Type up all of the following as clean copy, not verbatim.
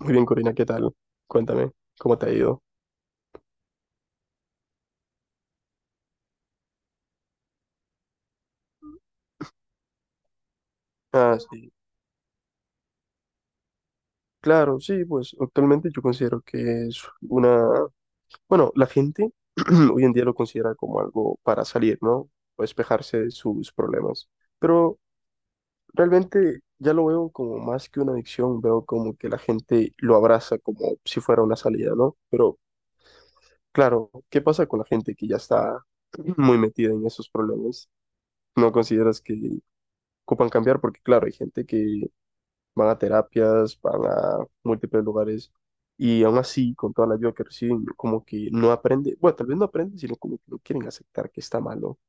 Muy bien, Corina, ¿qué tal? Cuéntame, ¿cómo te ha ido? Ah, sí, claro, sí, pues actualmente yo considero que es una, bueno, la gente hoy en día lo considera como algo para salir, ¿no? O despejarse de sus problemas. Pero realmente ya lo veo como más que una adicción, veo como que la gente lo abraza como si fuera una salida, ¿no? Pero claro, ¿qué pasa con la gente que ya está muy metida en esos problemas? ¿No consideras que ocupan cambiar? Porque claro, hay gente que van a terapias, van a múltiples lugares y aún así, con toda la ayuda que reciben, como que no aprende, bueno, tal vez no aprenden, sino como que no quieren aceptar que está malo.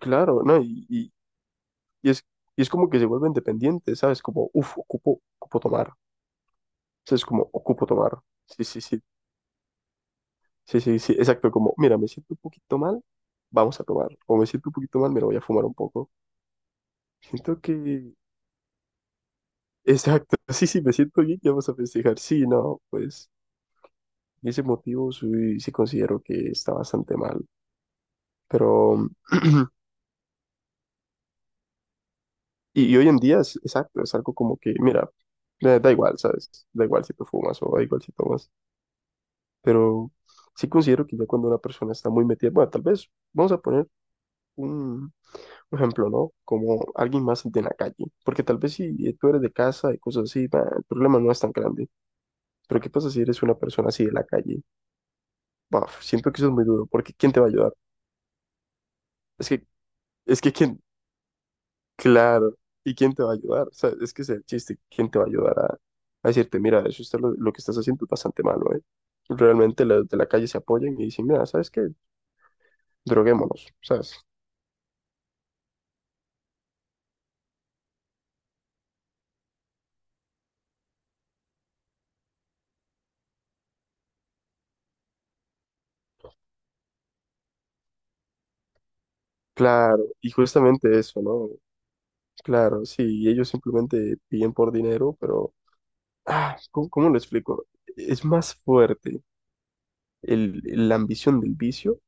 Claro, ¿no? Y es, y es como que se vuelven dependientes, ¿sabes? Como, uff, ocupo tomar. O sea, es como, ocupo tomar. Sí, sí, sí, sí, sí, sí, exacto, como, mira, me siento un poquito mal, vamos a tomar. O me siento un poquito mal, me lo voy a fumar un poco. Siento que... Exacto, sí, sí, me siento bien, ya vamos a festejar. Sí, no, pues y ese motivo sí, sí considero que está bastante mal. Pero, y hoy en día es exacto, es algo como que, mira, da igual, ¿sabes? Da igual si tú fumas o da igual si tomas. Pero sí considero que ya cuando una persona está muy metida, bueno, tal vez, vamos a poner un, un ejemplo, ¿no? Como alguien más de la calle. Porque tal vez si tú eres de casa y cosas así, bah, el problema no es tan grande. Pero ¿qué pasa si eres una persona así de la calle? Bah, siento que eso es muy duro, porque ¿quién te va a ayudar? Es que, es que ¿quién? Claro. ¿Y quién te va a ayudar? O sea, es que ese es el chiste. ¿Quién te va a ayudar a decirte, mira, eso está lo que estás haciendo es bastante malo, ¿eh? Realmente los de la calle se apoyan y dicen, mira, ¿sabes qué? Droguémonos, ¿sabes? Claro, y justamente eso, ¿no? Claro, sí, y ellos simplemente piden por dinero, pero, ah, ¿cómo, cómo lo explico? Es más fuerte el, la ambición del vicio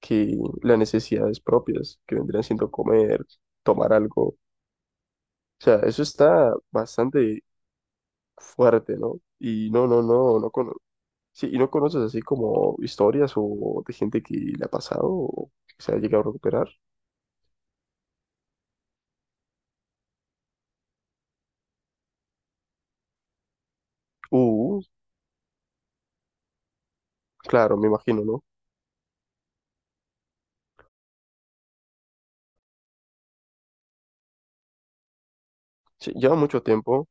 que las necesidades propias, que vendrían siendo comer, tomar algo. O sea, eso está bastante fuerte, ¿no? Y sí, y no conoces así como historias o de gente que le ha pasado o que se ha llegado a recuperar. Uh, claro, me imagino, ¿no? Sí, lleva mucho tiempo,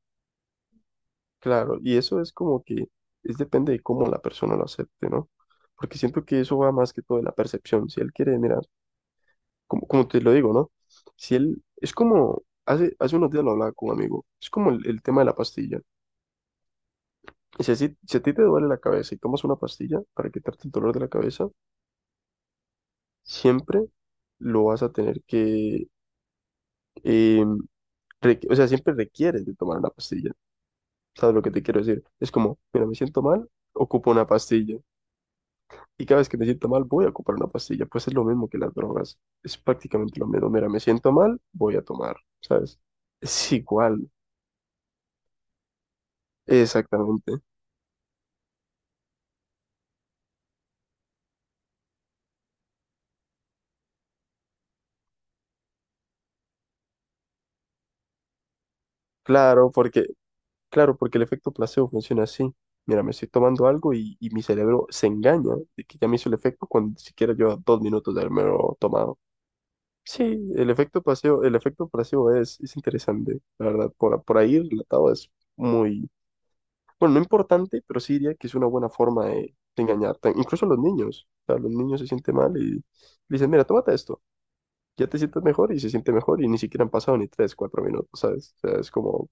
claro, y eso es como que es depende de cómo la persona lo acepte, ¿no? Porque siento que eso va más que todo de la percepción. Si él quiere, mira, como, como te lo digo, ¿no? Si él, es como, hace unos días lo hablaba con un amigo, es como el tema de la pastilla. Si, si a ti te duele la cabeza y tomas una pastilla para quitarte el dolor de la cabeza, siempre lo vas a tener que, eh, o sea, siempre requieres de tomar una pastilla. ¿Sabes lo que te quiero decir? Es como, mira, me siento mal, ocupo una pastilla. Y cada vez que me siento mal, voy a ocupar una pastilla. Pues es lo mismo que las drogas. Es prácticamente lo mismo. Mira, me siento mal, voy a tomar, ¿sabes? Es igual, exactamente. Claro, porque, claro, porque el efecto placebo funciona así. Mira, me estoy tomando algo y mi cerebro se engaña de que ya me hizo el efecto cuando ni siquiera lleva dos minutos de haberme tomado. Sí, el efecto pasivo es interesante, la verdad. Por ahí relatado es muy, bueno, no importante, pero sí diría que es una buena forma de engañar. Incluso a los niños, o sea, los niños se sienten mal y le dicen, mira, tómate esto, ya te sientes mejor y se siente mejor y ni siquiera han pasado ni tres, cuatro minutos, ¿sabes? O sea, es como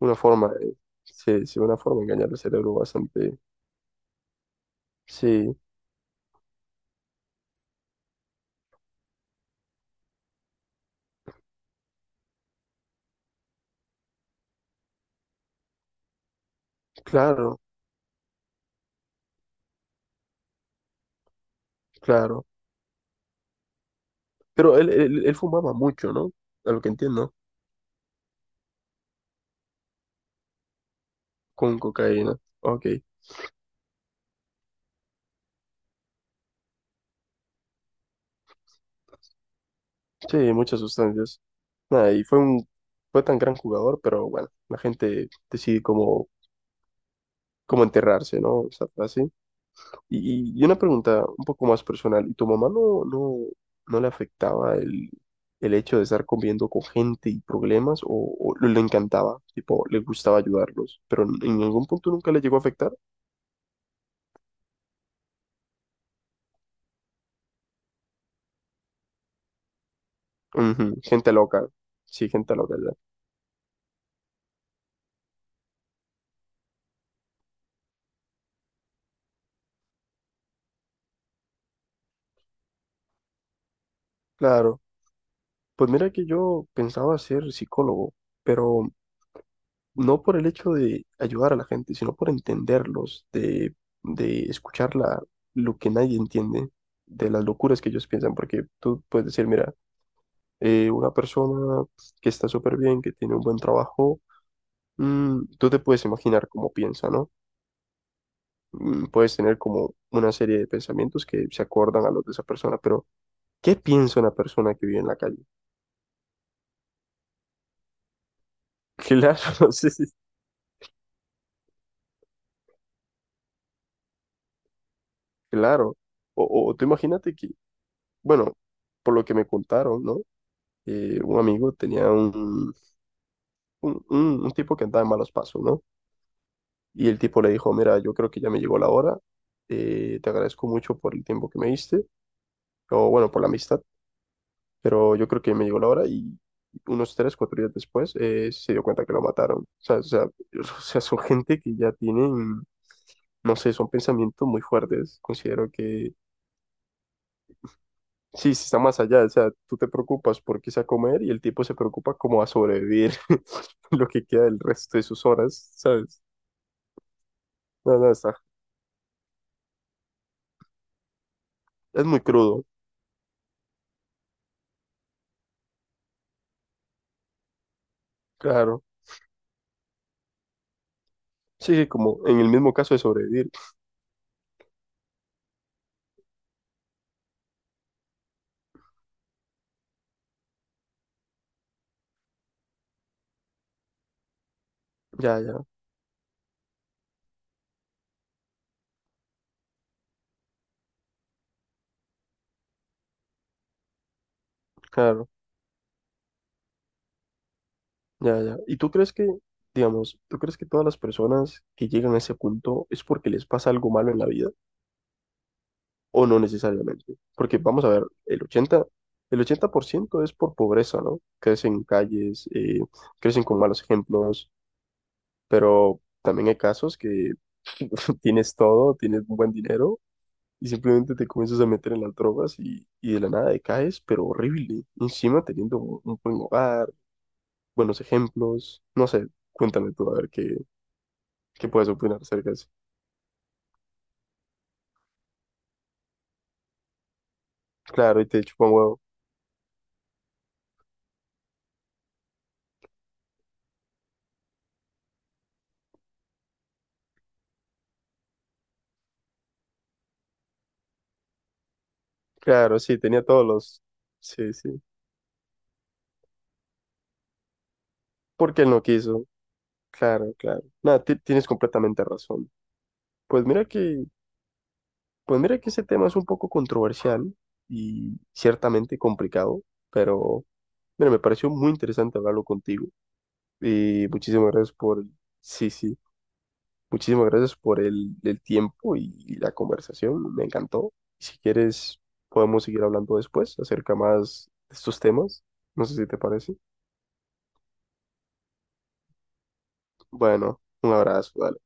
una forma, sí, sí, una forma de engañar el cerebro bastante. Sí, claro, claro. Pero él fumaba mucho, ¿no? A lo que entiendo, con cocaína. Ok. Sí, muchas sustancias. Nada, y fue un, fue tan gran jugador, pero bueno, la gente decide cómo, cómo enterrarse, ¿no? Esa frase. Y una pregunta un poco más personal. ¿Y tu mamá no le afectaba el hecho de estar conviviendo con gente y problemas? O le encantaba? Tipo, le gustaba ayudarlos, pero en ningún punto nunca le llegó a afectar. Ujú, gente loca. Sí, gente loca, ya. Claro. Pues mira que yo pensaba ser psicólogo, pero no por el hecho de ayudar a la gente, sino por entenderlos, de escuchar lo que nadie entiende, de las locuras que ellos piensan, porque tú puedes decir, mira, una persona que está súper bien, que tiene un buen trabajo, mm, tú te puedes imaginar cómo piensa, ¿no? Mm, puedes tener como una serie de pensamientos que se acordan a los de esa persona, pero ¿qué piensa una persona que vive en la calle? Claro, sí, sí, claro. O tú imagínate que, bueno, por lo que me contaron, ¿no? Un amigo tenía un, un tipo que andaba en malos pasos, ¿no? Y el tipo le dijo, mira, yo creo que ya me llegó la hora, te agradezco mucho por el tiempo que me diste, o bueno, por la amistad, pero yo creo que me llegó la hora y unos tres, cuatro días después se dio cuenta que lo mataron. O sea, son gente que ya tienen, no sé, son pensamientos muy fuertes. Considero que sí, sí está más allá, o sea, tú te preocupas por qué sea comer y el tipo se preocupa como a sobrevivir lo que queda del resto de sus horas, ¿sabes? No, no, está, es muy crudo, claro. Sí, sí, como en el mismo caso de sobrevivir. Ya, ya, claro, ya, ya. ¿Y tú crees que, digamos, tú crees que todas las personas que llegan a ese punto es porque les pasa algo malo en la vida o no necesariamente? Porque vamos a ver, el 80% es por pobreza, ¿no? Crecen en calles, crecen con malos ejemplos. Pero también hay casos que tienes todo, tienes un buen dinero y simplemente te comienzas a meter en las drogas y de la nada decaes, pero horrible. Encima teniendo un buen hogar, buenos ejemplos, no sé, cuéntame tú a ver qué, qué puedes opinar acerca de eso. Claro, y te chupa un huevo. Claro, sí, tenía todos los... Sí, sí. ¿Por qué él no quiso? Claro, claro. Nada, tienes completamente razón. Pues mira que, pues mira que ese tema es un poco controversial y ciertamente complicado, pero... Mira, me pareció muy interesante hablarlo contigo y muchísimas gracias por, sí, sí, muchísimas gracias por el tiempo y la conversación, me encantó. Si quieres, podemos seguir hablando después acerca más de estos temas, no sé si te parece. Bueno, un abrazo, dale.